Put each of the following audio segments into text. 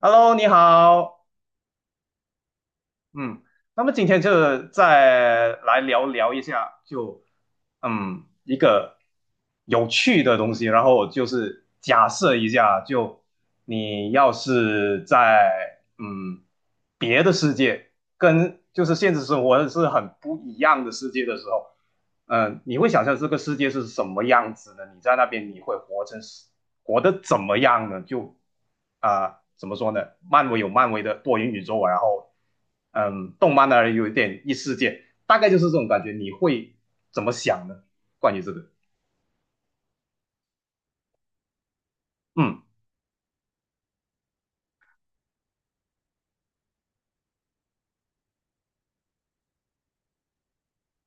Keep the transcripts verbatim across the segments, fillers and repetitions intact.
Hello，你好，嗯，那么今天就再来聊聊一下，就嗯一个有趣的东西，然后就是假设一下，就你要是在嗯别的世界，跟就是现实生活是很不一样的世界的时候，嗯，你会想象这个世界是什么样子呢？你在那边你会活成活得怎么样呢？就啊、呃怎么说呢？漫威有漫威的多元宇宙，然后嗯，动漫呢有一点异世界，大概就是这种感觉。你会怎么想呢？关于这个，嗯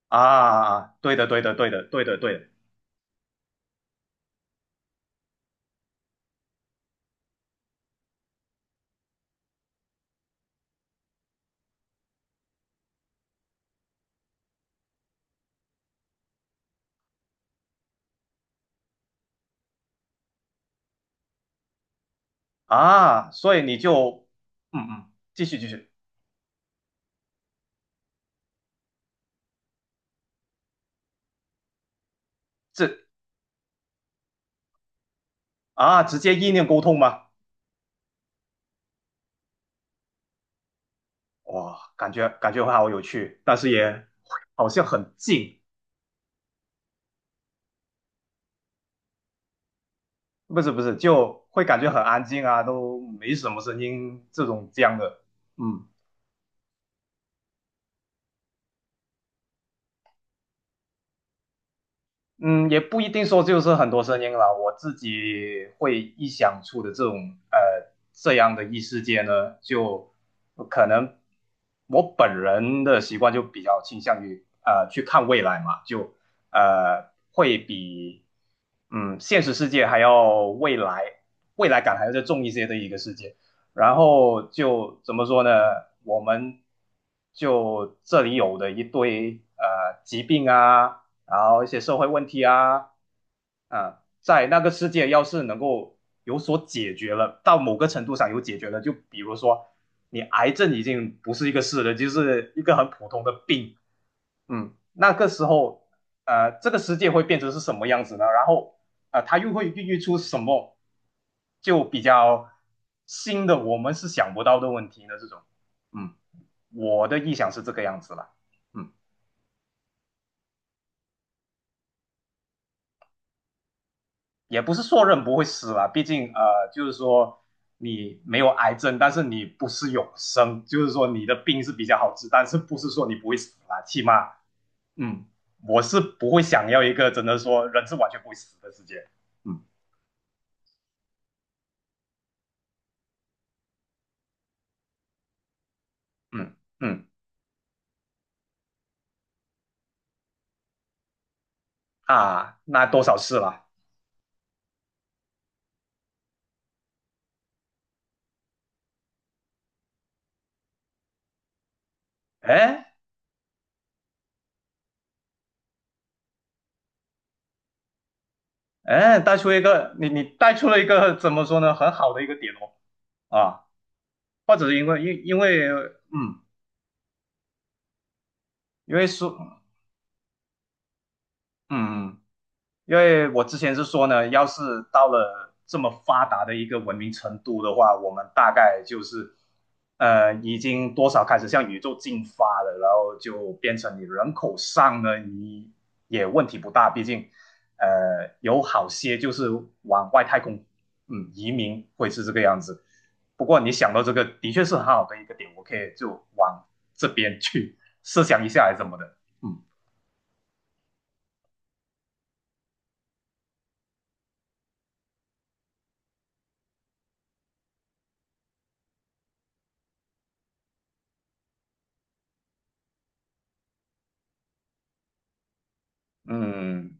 啊，对的，对的，对的，对的，对的啊，所以你就嗯嗯，继续继续，这啊，直接意念沟通吗？哇，感觉感觉会好有趣，但是也好像很近。不是不是，就会感觉很安静啊，都没什么声音这种这样的，嗯。嗯，也不一定说就是很多声音了。我自己会臆想出的这种呃这样的异世界呢，就可能我本人的习惯就比较倾向于呃去看未来嘛，就呃会比嗯现实世界还要未来未来感还要再重一些的一个世界。然后就怎么说呢？我们就这里有的一堆呃疾病啊。然后一些社会问题啊，啊，在那个世界要是能够有所解决了，到某个程度上有解决了，就比如说你癌症已经不是一个事了，就是一个很普通的病，嗯，那个时候，呃，这个世界会变成是什么样子呢？然后，啊，它又会孕育出什么，就比较新的我们是想不到的问题呢？这种，嗯，我的臆想是这个样子了，嗯。也不是说人不会死啦，毕竟呃，就是说你没有癌症，但是你不是永生，就是说你的病是比较好治，但是不是说你不会死啦，起码嗯，我是不会想要一个真的说人是完全不会死的世界，嗯嗯嗯啊，那多少事了，哎哎，带出一个你你带出了一个怎么说呢，很好的一个点哦啊，或者是因为因因为嗯，因为说嗯。嗯因为我之前是说呢，要是到了这么发达的一个文明程度的话，我们大概就是呃已经多少开始向宇宙进发了，然后就变成你人口上呢，你也问题不大，毕竟呃有好些就是往外太空嗯移民会是这个样子。不过你想到这个，的确是很好的一个点，我可以就往这边去 设想一下，还是怎么的？嗯嗯。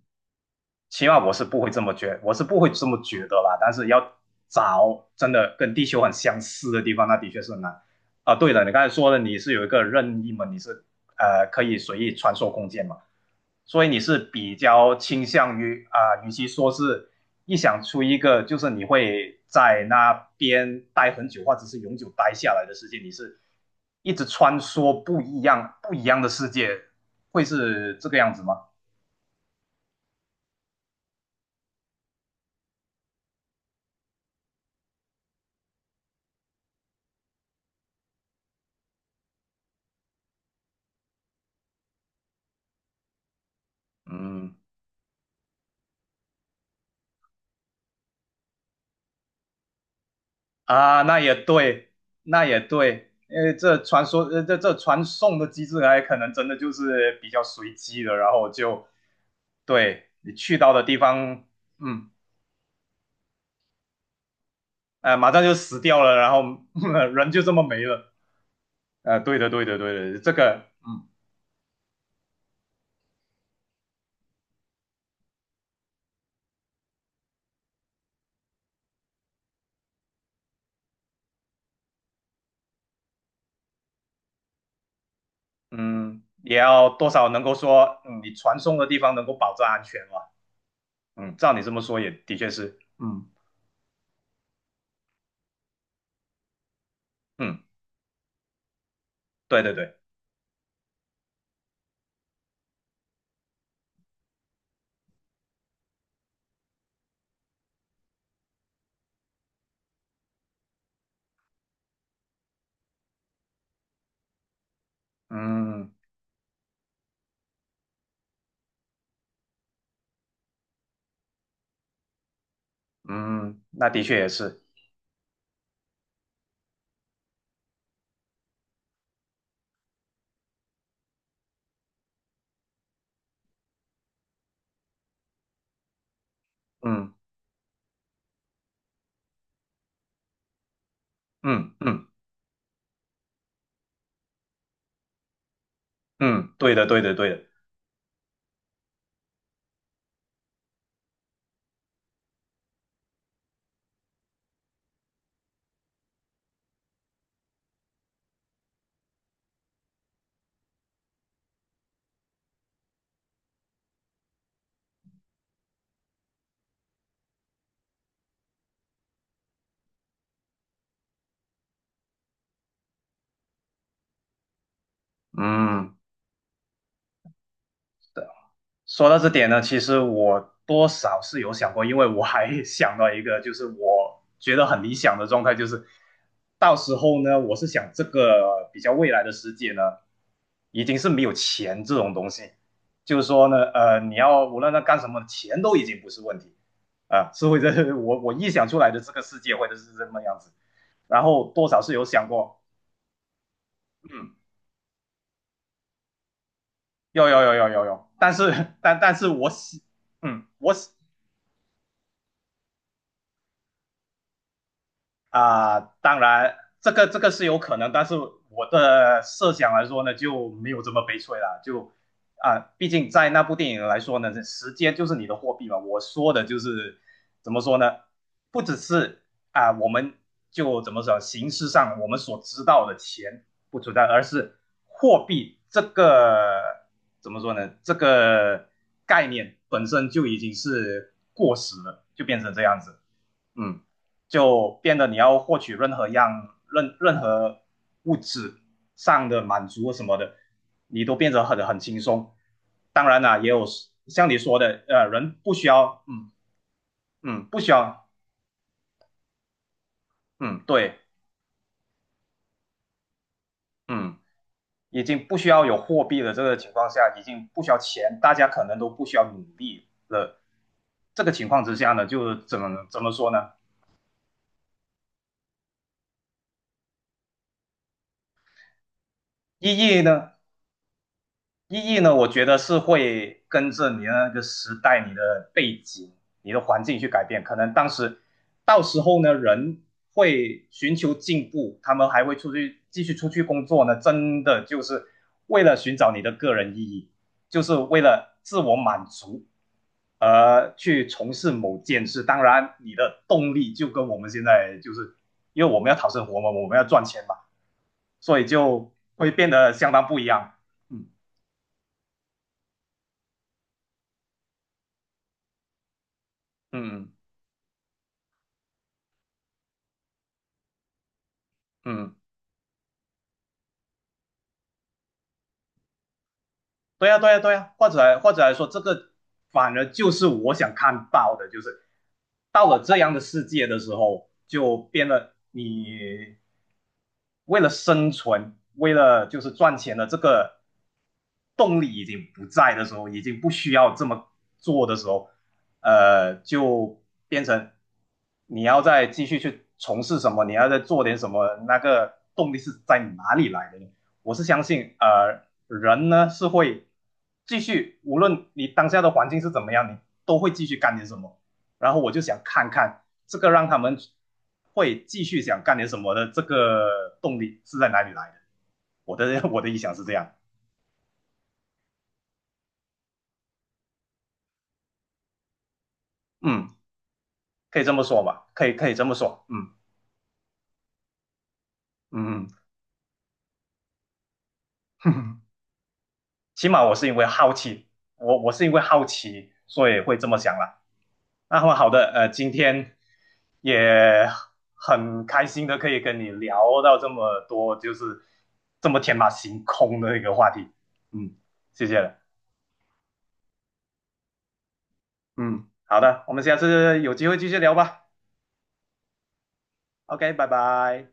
起码我是不会这么觉，我是不会这么觉得啦。但是要找真的跟地球很相似的地方，那的确是很难啊。对了，你刚才说的你是有一个任意门，你是呃可以随意穿梭空间嘛，所以你是比较倾向于啊、呃与其说是一想出一个就是你会在那边待很久或者是永久待下来的世界，你是一直穿梭不一样不一样的世界，会是这个样子吗？嗯。啊，那也对，那也对，因为这传说，呃，这这传送的机制还可能真的就是比较随机的，然后就对你去到的地方，嗯，呃，马上就死掉了，然后、人就这么没了，呃，对的，对的，对的，这个，嗯嗯，也要多少能够说，嗯，你传送的地方能够保证安全嘛，嗯，照你这么说也的确是，嗯嗯，对对对，嗯嗯，那的确也是，嗯嗯嗯。嗯，对的，对的，对的，嗯，对。说到这点呢，其实我多少是有想过，因为我还 想到一个，就是我觉得很理想的状态，就是到时候呢，我是想这个比较未来的世界呢，已经是没有钱这种东西，就是说呢，呃，你要无论他干什么，钱都已经不是问题啊，是会这 我我臆想出来的这个世界会是这么样子，然后多少是有想过。嗯。有有有有有有，但是但但是我喜，嗯，我喜啊、呃当然这个这个是有可能，但是我的设想来说呢，就没有这么悲催了。就啊、呃毕竟在那部电影来说呢，这时间就是你的货币嘛。我说的就是怎么说呢？不只是啊、呃我们就怎么说，形式上我们所知道的钱不存在，而是货币这个怎么说呢？这个概念本身就已经是过时了，就变成这样子。嗯，就变得你要获取任何样任任何物质上的满足什么的，你都变得很很轻松。当然啦、也有像你说的，呃，人不需要，嗯嗯，不需要，嗯，对，嗯，已经不需要有货币的这个情况下，已经不需要钱，大家可能都不需要努力了。这个情况之下呢，就怎么怎么说呢？意义呢？意义呢，我觉得是会跟着你的那个时代、你的背景、你的环境去改变。可能当时到时候呢，人会寻求进步，他们还会出去继续出去工作呢，真的就是为了寻找你的个人意义，就是为了自我满足。而去从事某件事，当然你的动力就跟我们现在就是，因为我们要讨生活嘛，我们要赚钱嘛，所以就会变得相当不一样。嗯，嗯嗯，对呀对呀对呀，或者来或者来说，这个反而就是我想看到的，就是到了这样的世界的时候，就变得你为了生存，为了就是赚钱的这个动力已经不在的时候，已经不需要这么做的时候，呃，就变成你要再继续去从事什么，你要再做点什么，那个动力是在哪里来的呢？我是相信，呃，人呢是会继续，无论你当下的环境是怎么样，你都会继续干点什么。然后我就想看看这个让他们会继续想干点什么的这个动力是在哪里来的。我的 我的意想是这样，嗯，可以这么说吧，可以可以这么说，嗯嗯嗯。起码我是因为好奇，我我是因为好奇，所以会这么想了。那么好的，呃，今天也很开心的可以跟你聊到这么多，就是这么天马行空的一个话题。嗯，谢谢了。嗯，好的，我们下次有机会继续聊吧。OK，拜拜。